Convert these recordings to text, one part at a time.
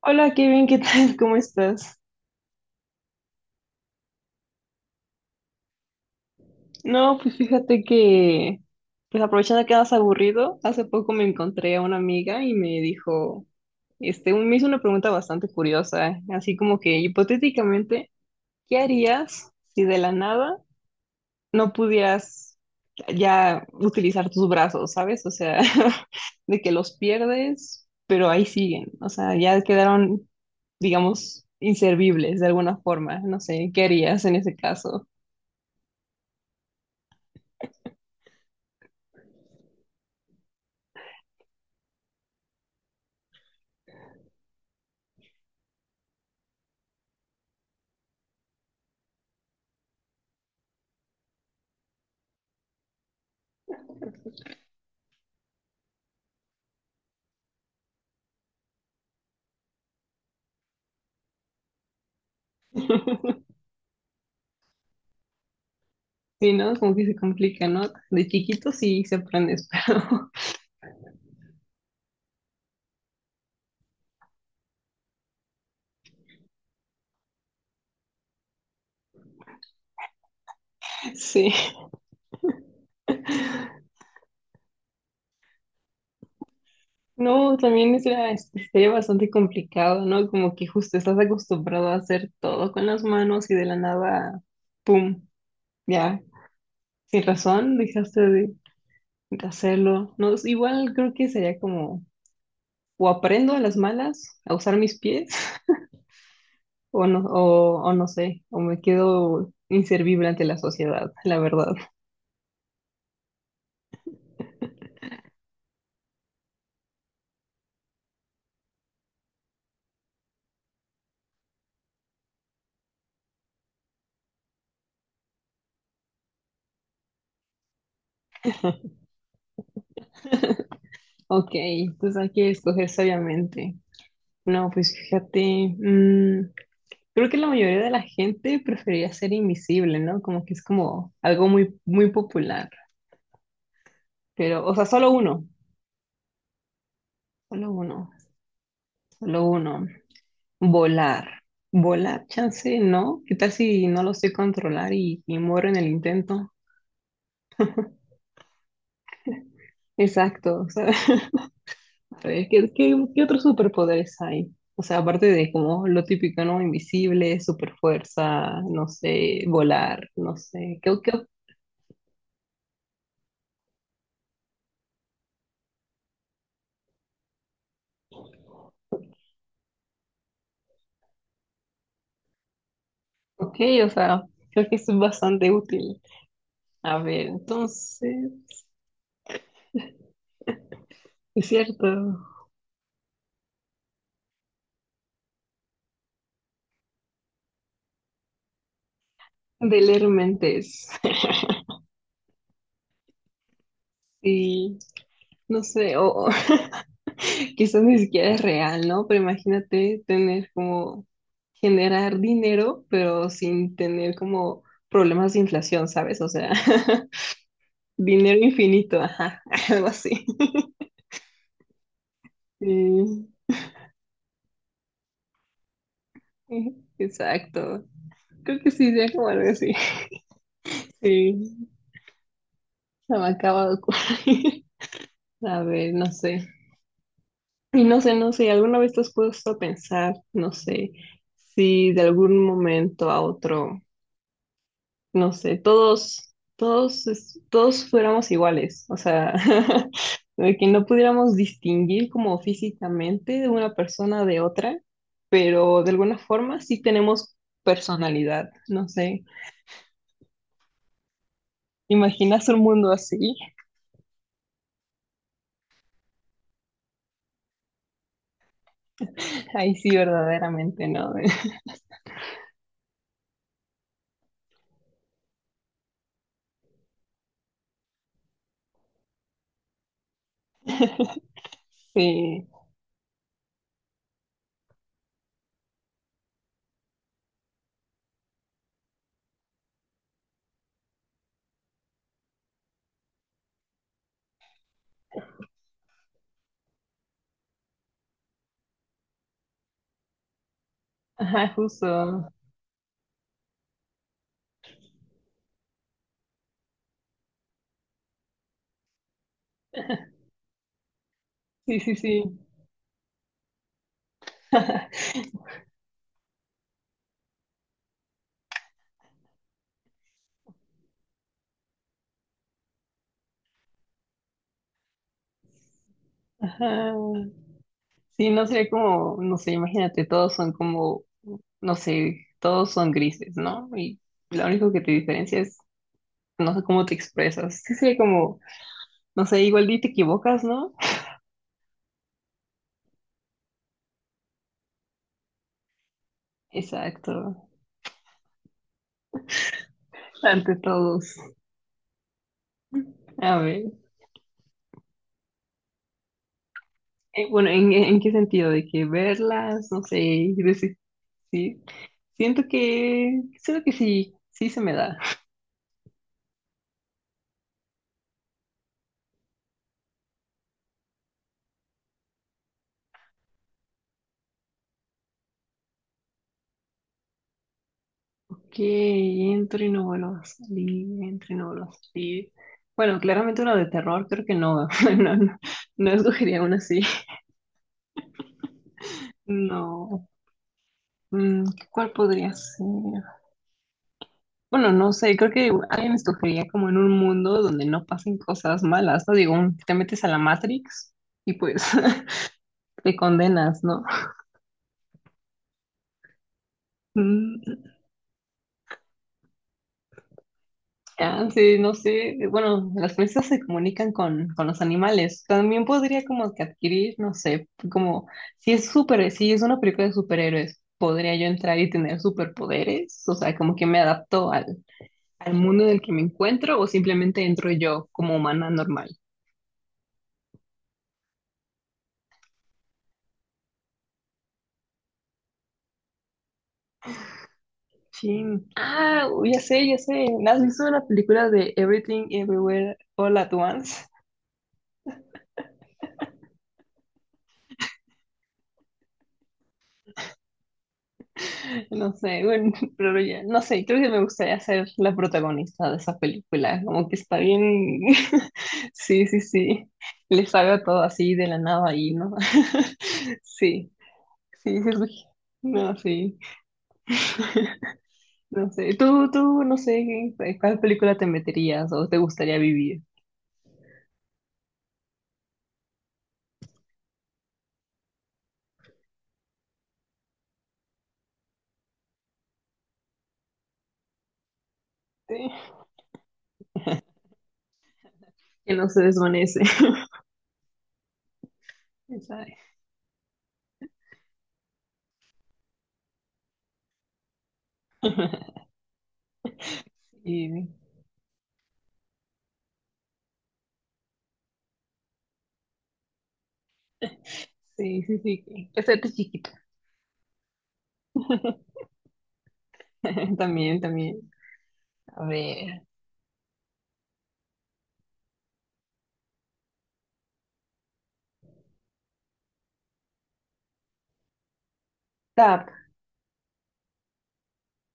Hola, Kevin, ¿qué tal? ¿Cómo estás? No, pues fíjate que, pues aprovechando que andas aburrido, hace poco me encontré a una amiga y me dijo, me hizo una pregunta bastante curiosa, así como que hipotéticamente, ¿qué harías si de la nada no pudieras ya utilizar tus brazos, ¿sabes? O sea, de que los pierdes, pero ahí siguen, o sea, ya quedaron, digamos, inservibles de alguna forma, no sé, ¿qué harías en ese caso? Sí, ¿no? Como que se complica, ¿no? De chiquito sí se aprende, pero sí. No, también sería bastante complicado, ¿no? Como que justo estás acostumbrado a hacer todo con las manos y de la nada, ¡pum! Ya, sin razón, dejaste de hacerlo. No, igual creo que sería como, o aprendo a las malas a usar mis pies, o no, o no sé, o me quedo inservible ante la sociedad, la verdad. Ok, entonces hay que escoger sabiamente. No, pues fíjate, mm, creo que la mayoría de la gente prefería ser invisible, ¿no? Como que es como algo muy, muy popular. Pero, o sea, solo uno, solo uno, solo uno. Volar. Volar, chance, ¿no? ¿Qué tal si no lo sé controlar y muero en el intento? Exacto, o sea, a ver, ¿qué otros superpoderes hay? O sea, aparte de como lo típico, ¿no? Invisible, superfuerza, no sé, volar, no sé. ¿Qué? Ok, o sea, creo que es bastante útil. A ver, entonces, es cierto, de leer mentes. Sí, no sé, o quizás ni siquiera es real, ¿no? Pero imagínate tener como generar dinero, pero sin tener como problemas de inflación, ¿sabes? O sea, dinero infinito, ajá, algo así. Sí, exacto. Creo que sí, sería como algo así. Sí, se me acaba de ocurrir. A ver, no sé. Y no sé, no sé, ¿alguna vez te has puesto a pensar, no sé, si de algún momento a otro, no sé, todos fuéramos iguales? O sea, de que no pudiéramos distinguir como físicamente de una persona de otra, pero de alguna forma sí tenemos personalidad, no sé. ¿Imaginas un mundo así? Ahí sí, verdaderamente, ¿no? Sí, ajá, justo. Sí, sí, sí. Ajá. Sí, no sería como, no sé, imagínate, todos son como, no sé, todos son grises, ¿no? Y lo único que te diferencia es, no sé cómo te expresas. Sí, sería como, no sé, igual y te equivocas, ¿no? Exacto, ante todos. A ver, bueno, en qué sentido? De que verlas, no sé, decir, sí. Siento que sí, sí se me da. Que entro y no vuelvo a salir, entro y no vuelvo a salir. Bueno, claramente uno de terror creo que no, no, no, no escogería uno así. No. Mm, ¿Cuál podría ser? Bueno, no sé, creo que alguien escogería como en un mundo donde no pasen cosas malas, ¿no? Digo, te metes a la Matrix y pues te condenas, ¿no? Mm. Ah, sí, no sé. Bueno, las princesas se comunican con los animales. También podría como que adquirir, no sé, como si es una película de superhéroes, podría yo entrar y tener superpoderes. O sea, como que me adapto al mundo en el que me encuentro o simplemente entro yo como humana normal. Sí. Ah, ya sé, ya sé. ¿Has visto la película de Everything Everywhere All at Once? No sé, bueno, pero ya, no sé, creo que me gustaría ser la protagonista de esa película, como que está bien, sí, sí, sí, les haga todo así de la nada ahí, ¿no? Sí, sí, sí, sí. No, sí, no sé, no sé, ¿en ¿cuál película te meterías o te gustaría vivir? Sí, que no se desvanece, ¿sabes? Y- Sí, sí, sí, que hacerte chiquito. También, también. A ver.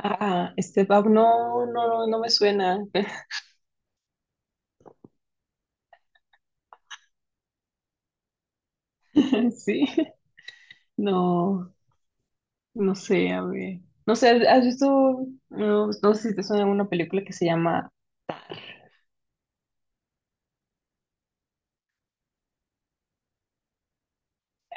Ah, Step Up no, no, no me suena. Sí, no, no sé, a ver. No sé, ¿has visto? No, no sé si te suena una película que se llama Tar.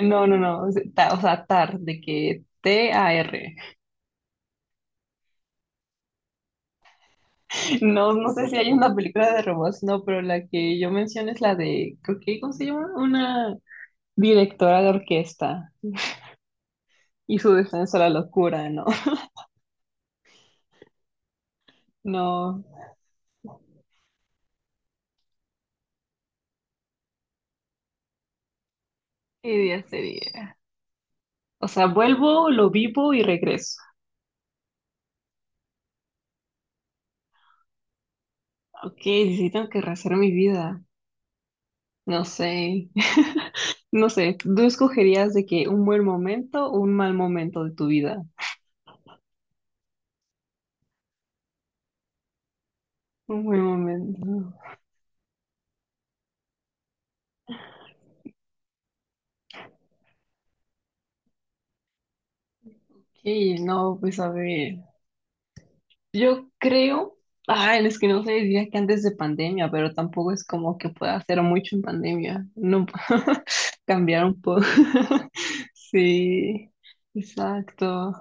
No, no, no, es o sea, Tar, de que TAR. No, no sé si hay una película de robots, no, pero la que yo menciono es la de, creo que, ¿cómo se llama? Una directora de orquesta y su defensa a la locura, ¿no? No, ¿qué día sería? O sea, vuelvo, lo vivo y regreso. Ok, necesitan que rehacer mi vida. No sé, no sé, ¿tú escogerías de que un buen momento o un mal momento de tu vida? Un buen momento. Sí, no, pues a ver. Yo creo, ay, es que no sé, diría que antes de pandemia, pero tampoco es como que pueda hacer mucho en pandemia. No, cambiar un poco. Sí, exacto.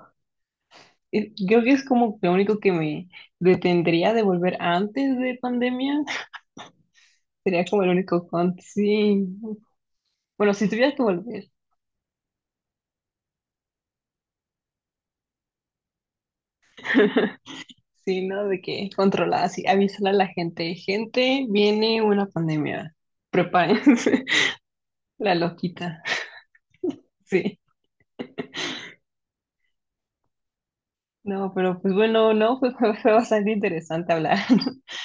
Y creo que es como lo único que me detendría de volver antes de pandemia, sería como el único con... Sí. Bueno, si tuvieras que volver. Sí, ¿no? De que controlada, sí, avísale a la gente. Gente, viene una pandemia. Prepárense. La loquita. Sí. No, pero pues bueno, no, pues fue bastante interesante hablar.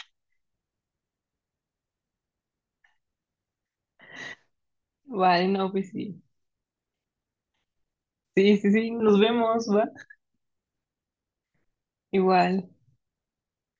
Vale, no, pues sí. Sí, sí, sí, nos vemos, va. Igual.